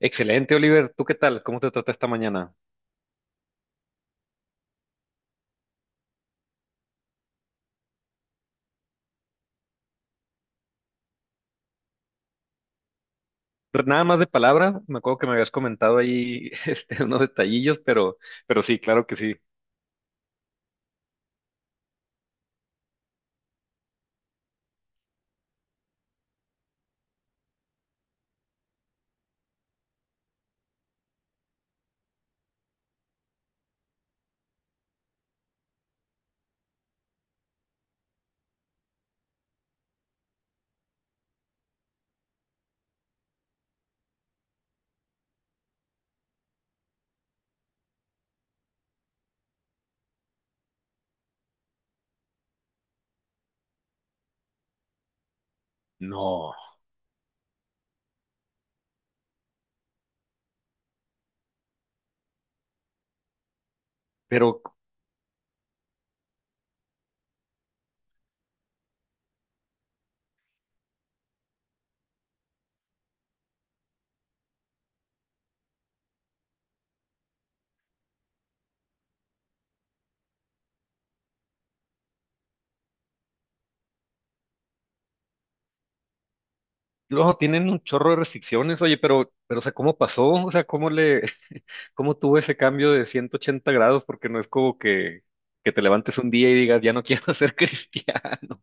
Excelente, Oliver. ¿Tú qué tal? ¿Cómo te trata esta mañana? Nada más de palabra, me acuerdo que me habías comentado ahí este, unos detallillos, pero sí, claro que sí. No, pero luego tienen un chorro de restricciones, oye, pero, o sea, ¿cómo pasó? O sea, cómo tuvo ese cambio de 180 grados? Porque no es como que te levantes un día y digas, ya no quiero ser cristiano.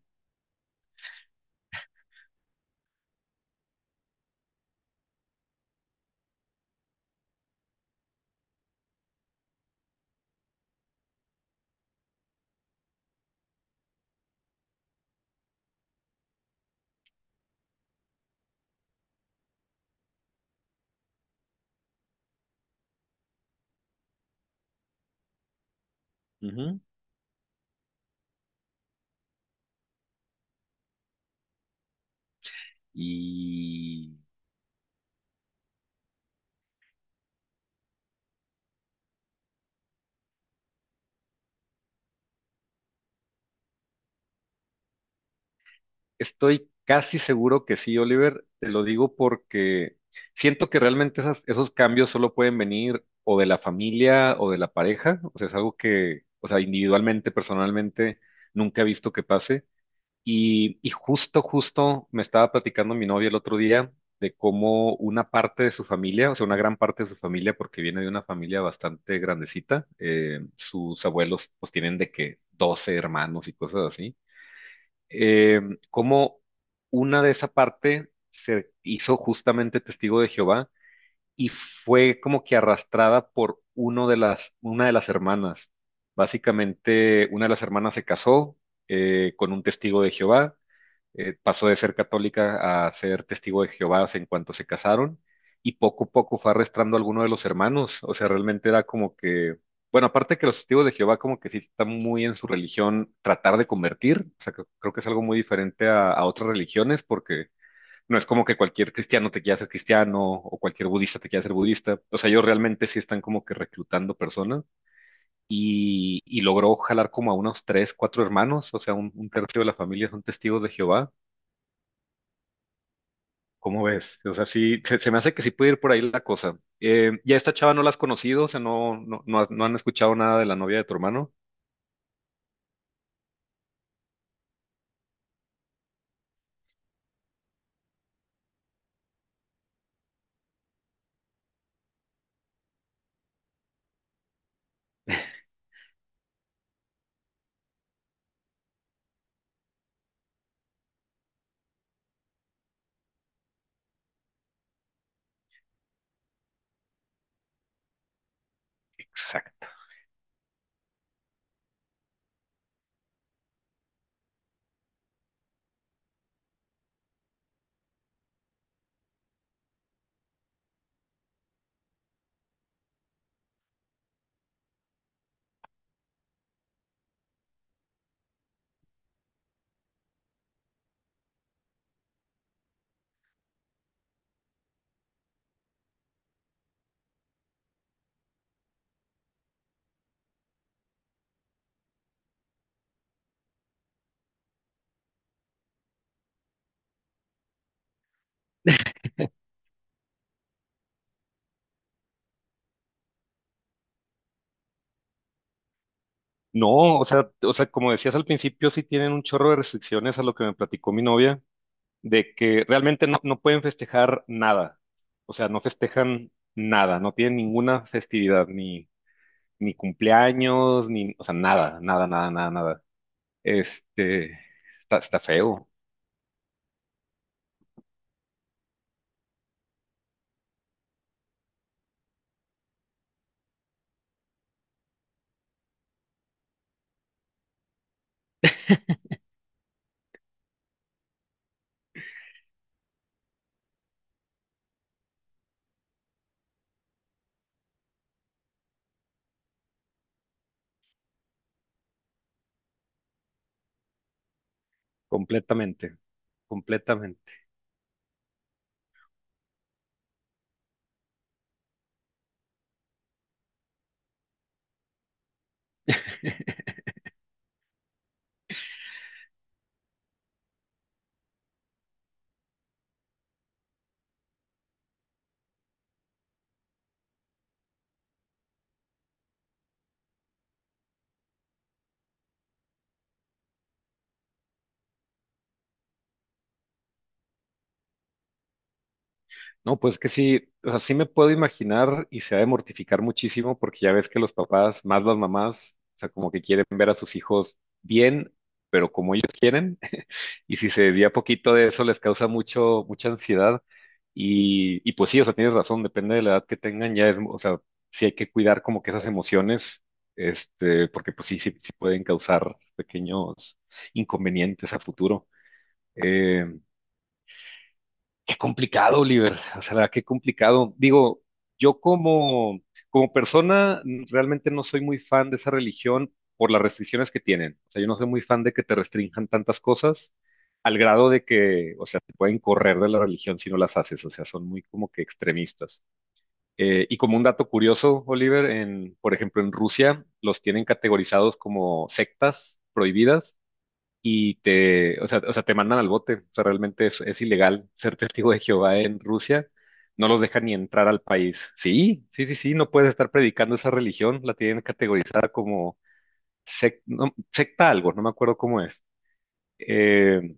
Ujú. Y Estoy casi seguro que sí, Oliver. Te lo digo porque siento que realmente esos cambios solo pueden venir o de la familia o de la pareja. O sea, es algo que, o sea, individualmente, personalmente, nunca he visto que pase. Y justo me estaba platicando mi novia el otro día de cómo una parte de su familia, o sea, una gran parte de su familia, porque viene de una familia bastante grandecita, sus abuelos pues tienen de que 12 hermanos y cosas así eh, cómo una de esa parte se hizo justamente testigo de Jehová y fue como que arrastrada por una de las hermanas. Básicamente, una de las hermanas se casó con un testigo de Jehová pasó de ser católica a ser testigo de Jehová en cuanto se casaron y poco a poco fue arrastrando a alguno de los hermanos. O sea, realmente era como que, bueno, aparte que los testigos de Jehová como que sí están muy en su religión tratar de convertir, o sea, creo que es algo muy diferente a otras religiones porque no es como que cualquier cristiano te quiera ser cristiano o cualquier budista te quiera ser budista. O sea, ellos realmente sí están como que reclutando personas y logró jalar como a unos tres, cuatro hermanos, o sea, un tercio de la familia son testigos de Jehová. ¿Cómo ves? O sea, sí, se me hace que sí puede ir por ahí la cosa. ¿Ya esta chava no la has conocido? O sea, no, no, no, no han escuchado nada de la novia de tu hermano. Exacto. No, o sea, como decías al principio, sí tienen un chorro de restricciones a lo que me platicó mi novia, de que realmente no, no pueden festejar nada. O sea, no festejan nada, no tienen ninguna festividad, ni, ni cumpleaños, ni, o sea, nada, nada, nada, nada, nada. Este, está feo, completamente, completamente. No, pues que sí, o sea, sí me puedo imaginar y se ha de mortificar muchísimo porque ya ves que los papás, más las mamás, o sea, como que quieren ver a sus hijos bien, pero como ellos quieren, y si se desvía poquito de eso les causa mucho, mucha ansiedad. Y pues sí, o sea, tienes razón, depende de la edad que tengan, ya es, o sea, sí hay que cuidar como que esas emociones, este, porque pues sí pueden causar pequeños inconvenientes a futuro. eh, Qué complicado, Oliver. O sea, la verdad, qué complicado. Digo, yo como persona realmente no soy muy fan de esa religión por las restricciones que tienen. O sea, yo no soy muy fan de que te restrinjan tantas cosas al grado de que, o sea, te pueden correr de la religión si no las haces. O sea, son muy como que extremistas. Y como un dato curioso, Oliver, en, por ejemplo, en Rusia los tienen categorizados como sectas prohibidas y te, o sea, te mandan al bote. O sea, realmente es ilegal ser testigo de Jehová en Rusia. No los dejan ni entrar al país. Sí, sí, sí, sí, no puedes estar predicando esa religión. La tienen categorizada como no, secta algo, no me acuerdo cómo es. Eh,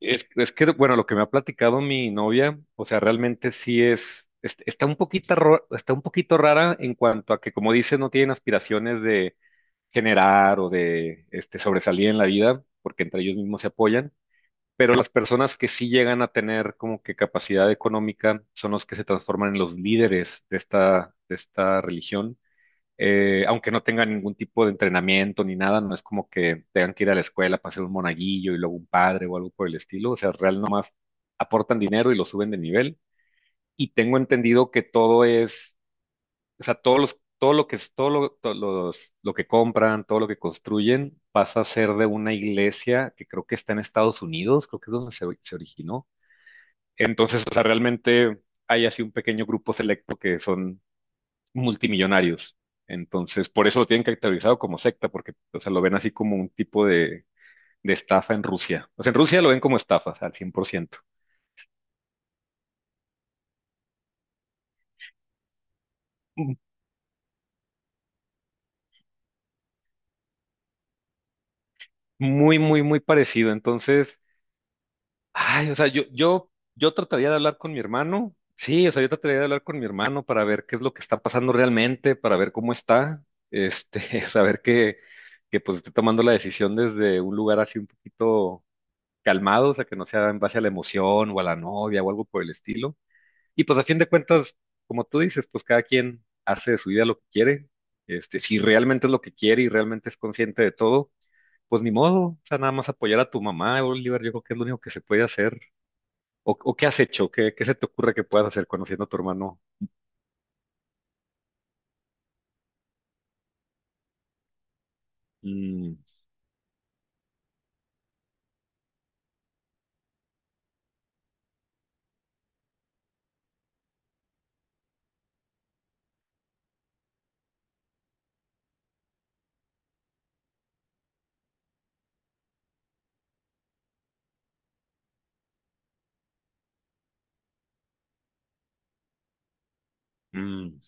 es que, bueno, lo que me ha platicado mi novia, o sea, realmente sí está un poquito rara en cuanto a que, como dices, no tienen aspiraciones de generar o de este, sobresalir en la vida, porque entre ellos mismos se apoyan pero las personas que sí llegan a tener como que capacidad económica son los que se transforman en los líderes de esta religión. Aunque no tengan ningún tipo de entrenamiento ni nada, no es como que tengan que ir a la escuela para ser un monaguillo y luego un padre o algo por el estilo, o sea, real nomás aportan dinero y lo suben de nivel. Y tengo entendido que todo es, o sea, todo lo que es, todo lo, to- los- lo que compran, todo lo que construyen, pasa a ser de una iglesia que creo que está en Estados Unidos, creo que es donde se originó entonces, o sea, realmente hay así un pequeño grupo selecto que son multimillonarios. Entonces, por eso lo tienen caracterizado como secta, porque, o sea, lo ven así como un tipo de estafa en Rusia. O sea, en Rusia lo ven como estafas al 100%. Mm, Muy, muy, muy parecido. Entonces, ay, o sea, yo trataría de hablar con mi hermano. Sí, o sea, yo trataría de hablar con mi hermano para ver qué es lo que está pasando realmente, para ver cómo está, este, saber que pues esté tomando la decisión desde un lugar así un poquito calmados, a que no sea en base a la emoción o a la novia o algo por el estilo. Y pues a fin de cuentas, como tú dices, pues cada quien hace de su vida lo que quiere. Este, si realmente es lo que quiere y realmente es consciente de todo, pues ni modo, o sea, nada más apoyar a tu mamá, Oliver, yo creo que es lo único que se puede hacer. ¿O qué has hecho? ¿Qué se te ocurre que puedas hacer conociendo a tu hermano? Mm, mm.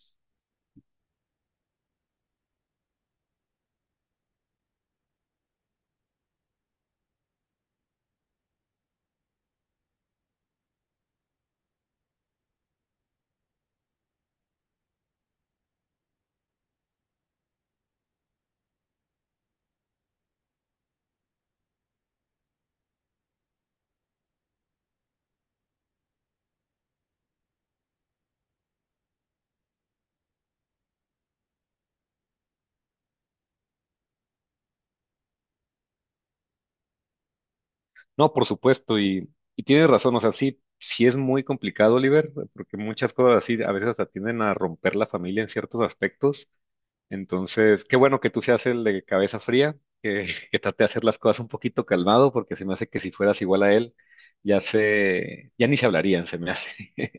No, por supuesto, y tienes razón, o sea, sí es muy complicado, Oliver, porque muchas cosas así a veces hasta tienden a romper la familia en ciertos aspectos. Entonces, qué bueno que tú seas el de cabeza fría, que, que trate de hacer las cosas un poquito calmado, porque se me hace que si fueras igual a él, ya ni se hablarían, se me hace.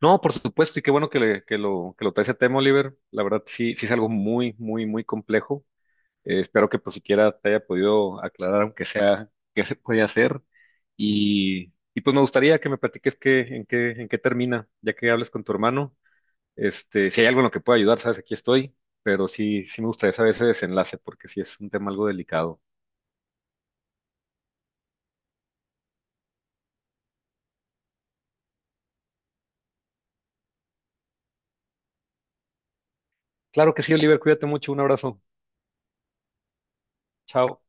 No, por supuesto, y qué bueno que, que lo traes a tema, Oliver. La verdad, sí, sí es algo muy, muy, muy complejo. Espero que pues siquiera te haya podido aclarar, aunque sea, qué se puede hacer. Y pues me gustaría que me platiques en qué termina, ya que hables con tu hermano. Este, si hay algo en lo que pueda ayudar, sabes, aquí estoy, pero sí me gustaría saber ese desenlace porque sí es un tema algo delicado. Claro que sí, Oliver, cuídate mucho, un abrazo. Chao.